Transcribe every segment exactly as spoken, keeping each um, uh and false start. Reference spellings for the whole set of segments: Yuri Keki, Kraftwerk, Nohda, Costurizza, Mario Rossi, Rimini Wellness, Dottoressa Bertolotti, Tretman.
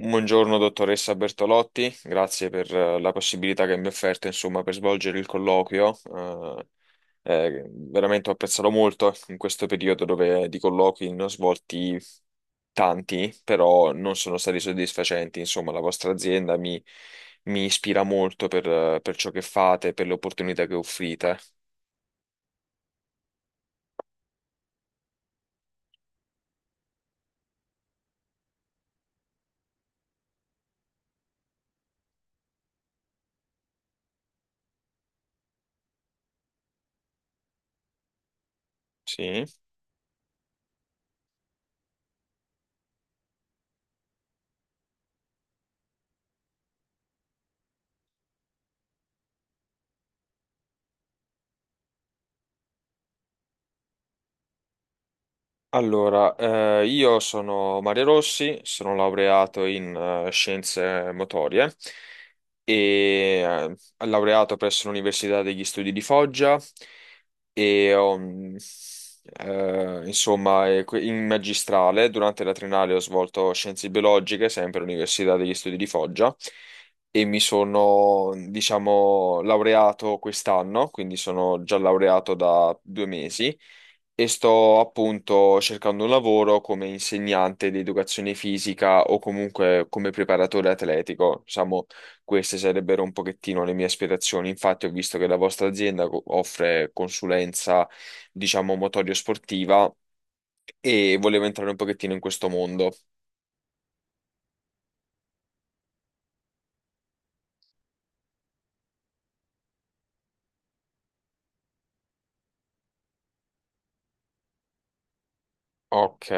Buongiorno dottoressa Bertolotti, grazie per eh, la possibilità che mi ha offerto insomma, per svolgere il colloquio. Eh, eh, veramente ho apprezzato molto in questo periodo dove eh, di colloqui ne ho svolti tanti, però non sono stati soddisfacenti. Insomma, la vostra azienda mi, mi ispira molto per, eh, per ciò che fate, per le opportunità che offrite. Sì. Allora, eh, io sono Mario Rossi, sono laureato in eh, scienze motorie e eh, laureato presso l'Università degli Studi di Foggia e ho, mh, eh, insomma, eh, que- in magistrale durante la triennale ho svolto scienze biologiche, sempre all'Università degli Studi di Foggia e mi sono, diciamo, laureato quest'anno, quindi sono già laureato da due mesi e sto appunto cercando un lavoro come insegnante di educazione fisica o comunque come preparatore atletico. Diciamo, queste sarebbero un pochettino le mie aspirazioni. Infatti, ho visto che la vostra azienda co- offre consulenza, diciamo, motorio sportiva e volevo entrare un pochettino in questo mondo. Ok.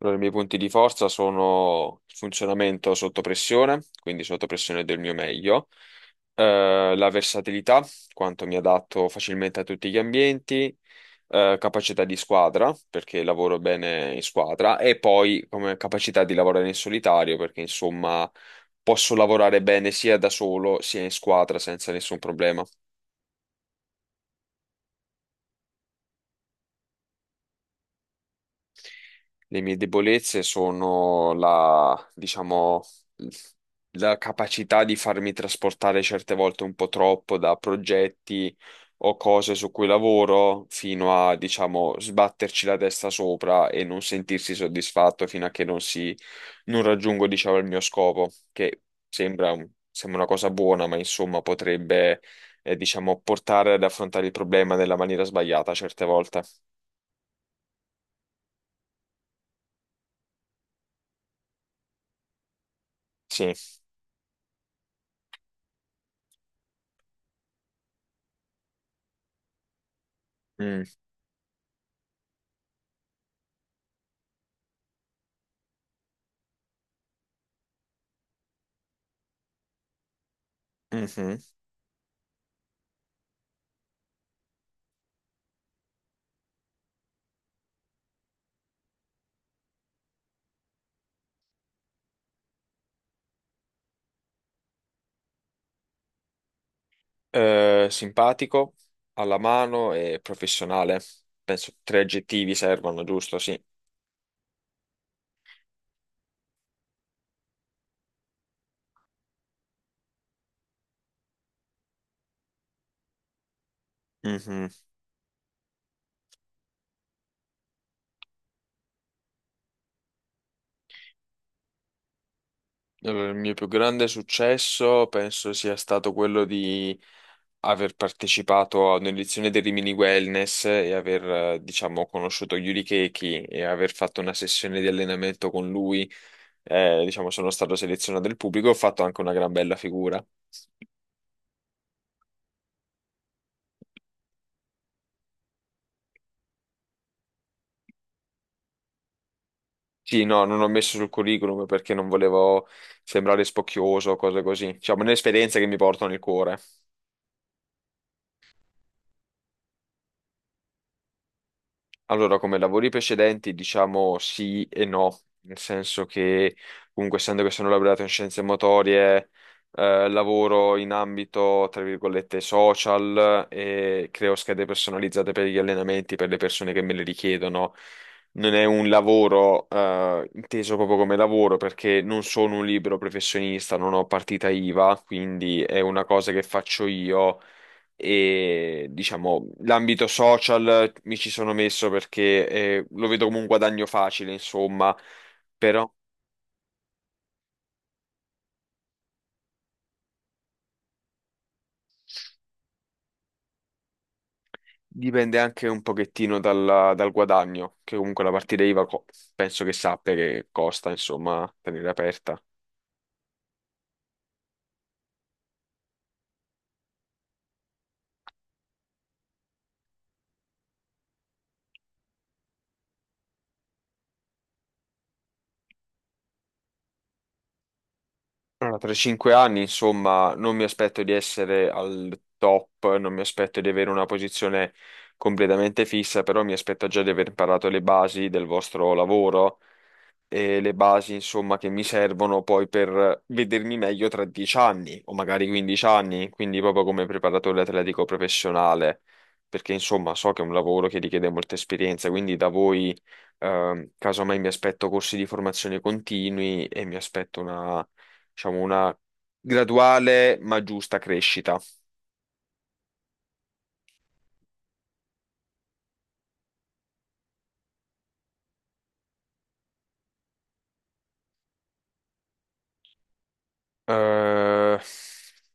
Allora, i miei punti di forza sono il funzionamento sotto pressione, quindi sotto pressione del mio meglio, eh, la versatilità, quanto mi adatto facilmente a tutti gli ambienti, eh, capacità di squadra, perché lavoro bene in squadra, e poi come capacità di lavorare in solitario, perché insomma posso lavorare bene sia da solo sia in squadra senza nessun problema. Le mie debolezze sono la, diciamo, la capacità di farmi trasportare certe volte un po' troppo da progetti o cose su cui lavoro fino a, diciamo, sbatterci la testa sopra e non sentirsi soddisfatto fino a che non si, non raggiungo, diciamo, il mio scopo, che sembra, un- sembra una cosa buona, ma insomma potrebbe, eh, diciamo, portare ad affrontare il problema nella maniera sbagliata certe volte. Sì. Mm. Mhm. Eh, simpatico, alla mano e professionale. Penso tre aggettivi servono, giusto? Sì. Mhm. Allora, il mio più grande successo penso sia stato quello di aver partecipato a un'edizione del Rimini Wellness e aver, eh, diciamo, conosciuto Yuri Keki e aver fatto una sessione di allenamento con lui. Eh, diciamo, sono stato selezionato del pubblico e ho fatto anche una gran bella figura. Sì, no, non l'ho messo sul curriculum perché non volevo sembrare spocchioso o cose così. Diciamo, è un'esperienza che mi porto nel cuore. Allora, come lavori precedenti, diciamo sì e no, nel senso che comunque essendo che sono laureato in scienze motorie, eh, lavoro in ambito, tra virgolette, social e creo schede personalizzate per gli allenamenti per le persone che me le richiedono. Non è un lavoro, eh, inteso proprio come lavoro perché non sono un libero professionista, non ho partita I V A, quindi è una cosa che faccio io e diciamo l'ambito social mi ci sono messo perché eh, lo vedo come un guadagno facile, insomma, però dipende anche un pochettino dal, dal guadagno, che comunque la partita I V A co- penso che sappia che costa, insomma, tenere aperta. Allora, tra i cinque anni, insomma, non mi aspetto di essere al top, non mi aspetto di avere una posizione completamente fissa, però mi aspetto già di aver imparato le basi del vostro lavoro e le basi, insomma, che mi servono poi per vedermi meglio tra dieci anni o magari quindici anni, quindi proprio come preparatore atletico professionale, perché insomma so che è un lavoro che richiede molta esperienza, quindi da voi, ehm, casomai mi aspetto corsi di formazione continui e mi aspetto una, diciamo, una graduale ma giusta crescita. Eh,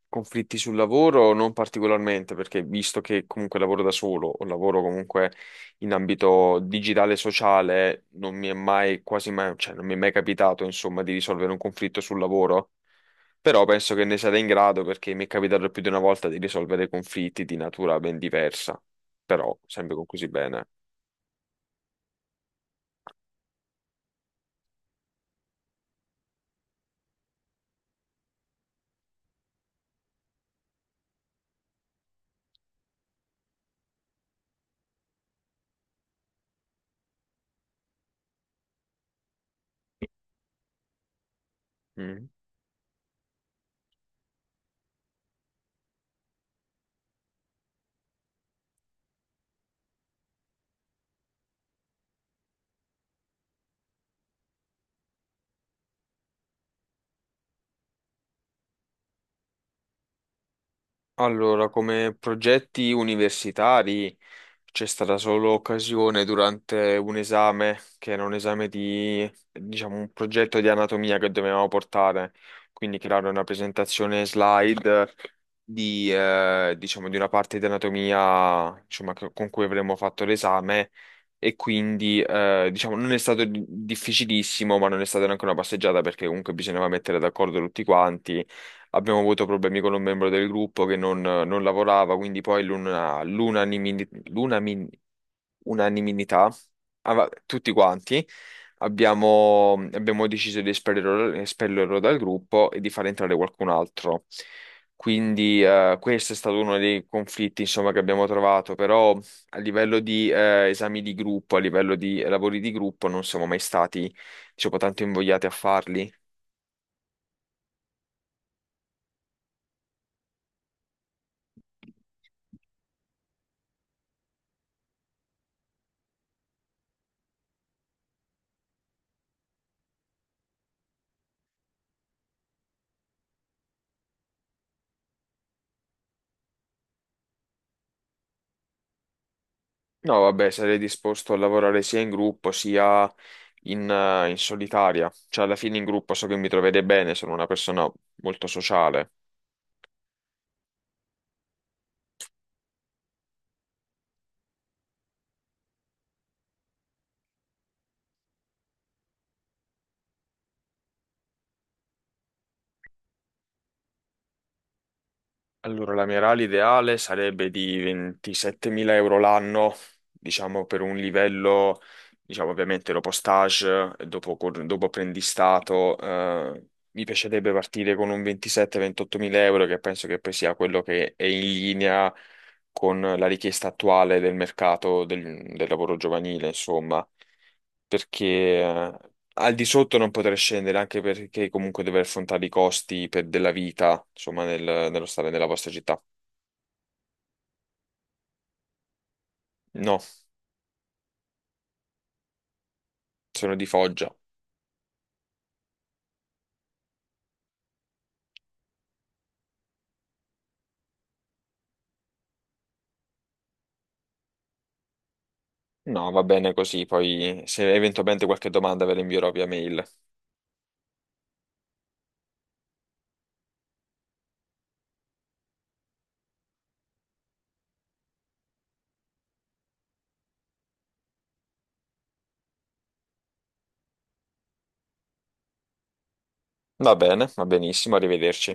Conflitti sul lavoro non particolarmente, perché visto che comunque lavoro da solo o lavoro comunque in ambito digitale e sociale, non mi è mai quasi mai, cioè non mi è mai capitato, insomma, di risolvere un conflitto sul lavoro. Però penso che ne sarei in grado perché mi è capitato più di una volta di risolvere conflitti di natura ben diversa, però sempre conclusi bene. Mm. Allora, come progetti universitari. C'è stata solo occasione durante un esame, che era un esame di, diciamo, un progetto di anatomia che dovevamo portare, quindi creare una presentazione slide di, eh, diciamo, di una parte di anatomia, insomma, che- con cui avremmo fatto l'esame e quindi, eh, diciamo, non è stato di- difficilissimo, ma non è stata neanche una passeggiata perché comunque bisognava mettere d'accordo tutti quanti. Abbiamo avuto problemi con un membro del gruppo che non, non lavorava, quindi poi l'una- l'unanimi- l'unami- unanimità, ava- tutti quanti, abbiamo, abbiamo deciso di espellerlo, espellerlo dal gruppo e di far entrare qualcun altro. Quindi eh, questo è stato uno dei conflitti, insomma, che abbiamo trovato, però a livello di eh, esami di gruppo, a livello di lavori di gruppo, non siamo mai stati, diciamo, tanto invogliati a farli. No, vabbè, sarei disposto a lavorare sia in gruppo sia in, eh, in solitaria. Cioè, alla fine in gruppo so che mi troverei bene, sono una persona molto sociale. Allora, la mia R A L ideale sarebbe di ventisettemila euro l'anno, diciamo per un livello, diciamo ovviamente dopo stage, dopo, cor- dopo apprendistato, eh, mi piacerebbe partire con un ventisette-ventottomila euro che penso che poi sia quello che è in linea con la richiesta attuale del mercato del, del lavoro giovanile, insomma, perché eh, al di sotto non potrei scendere, anche perché comunque deve affrontare i costi per- della vita, insomma, nel- nello stare nella vostra città. No, sono di Foggia. No, va bene così, poi se eventualmente qualche domanda ve la invierò via mail. Va bene, va benissimo, arrivederci.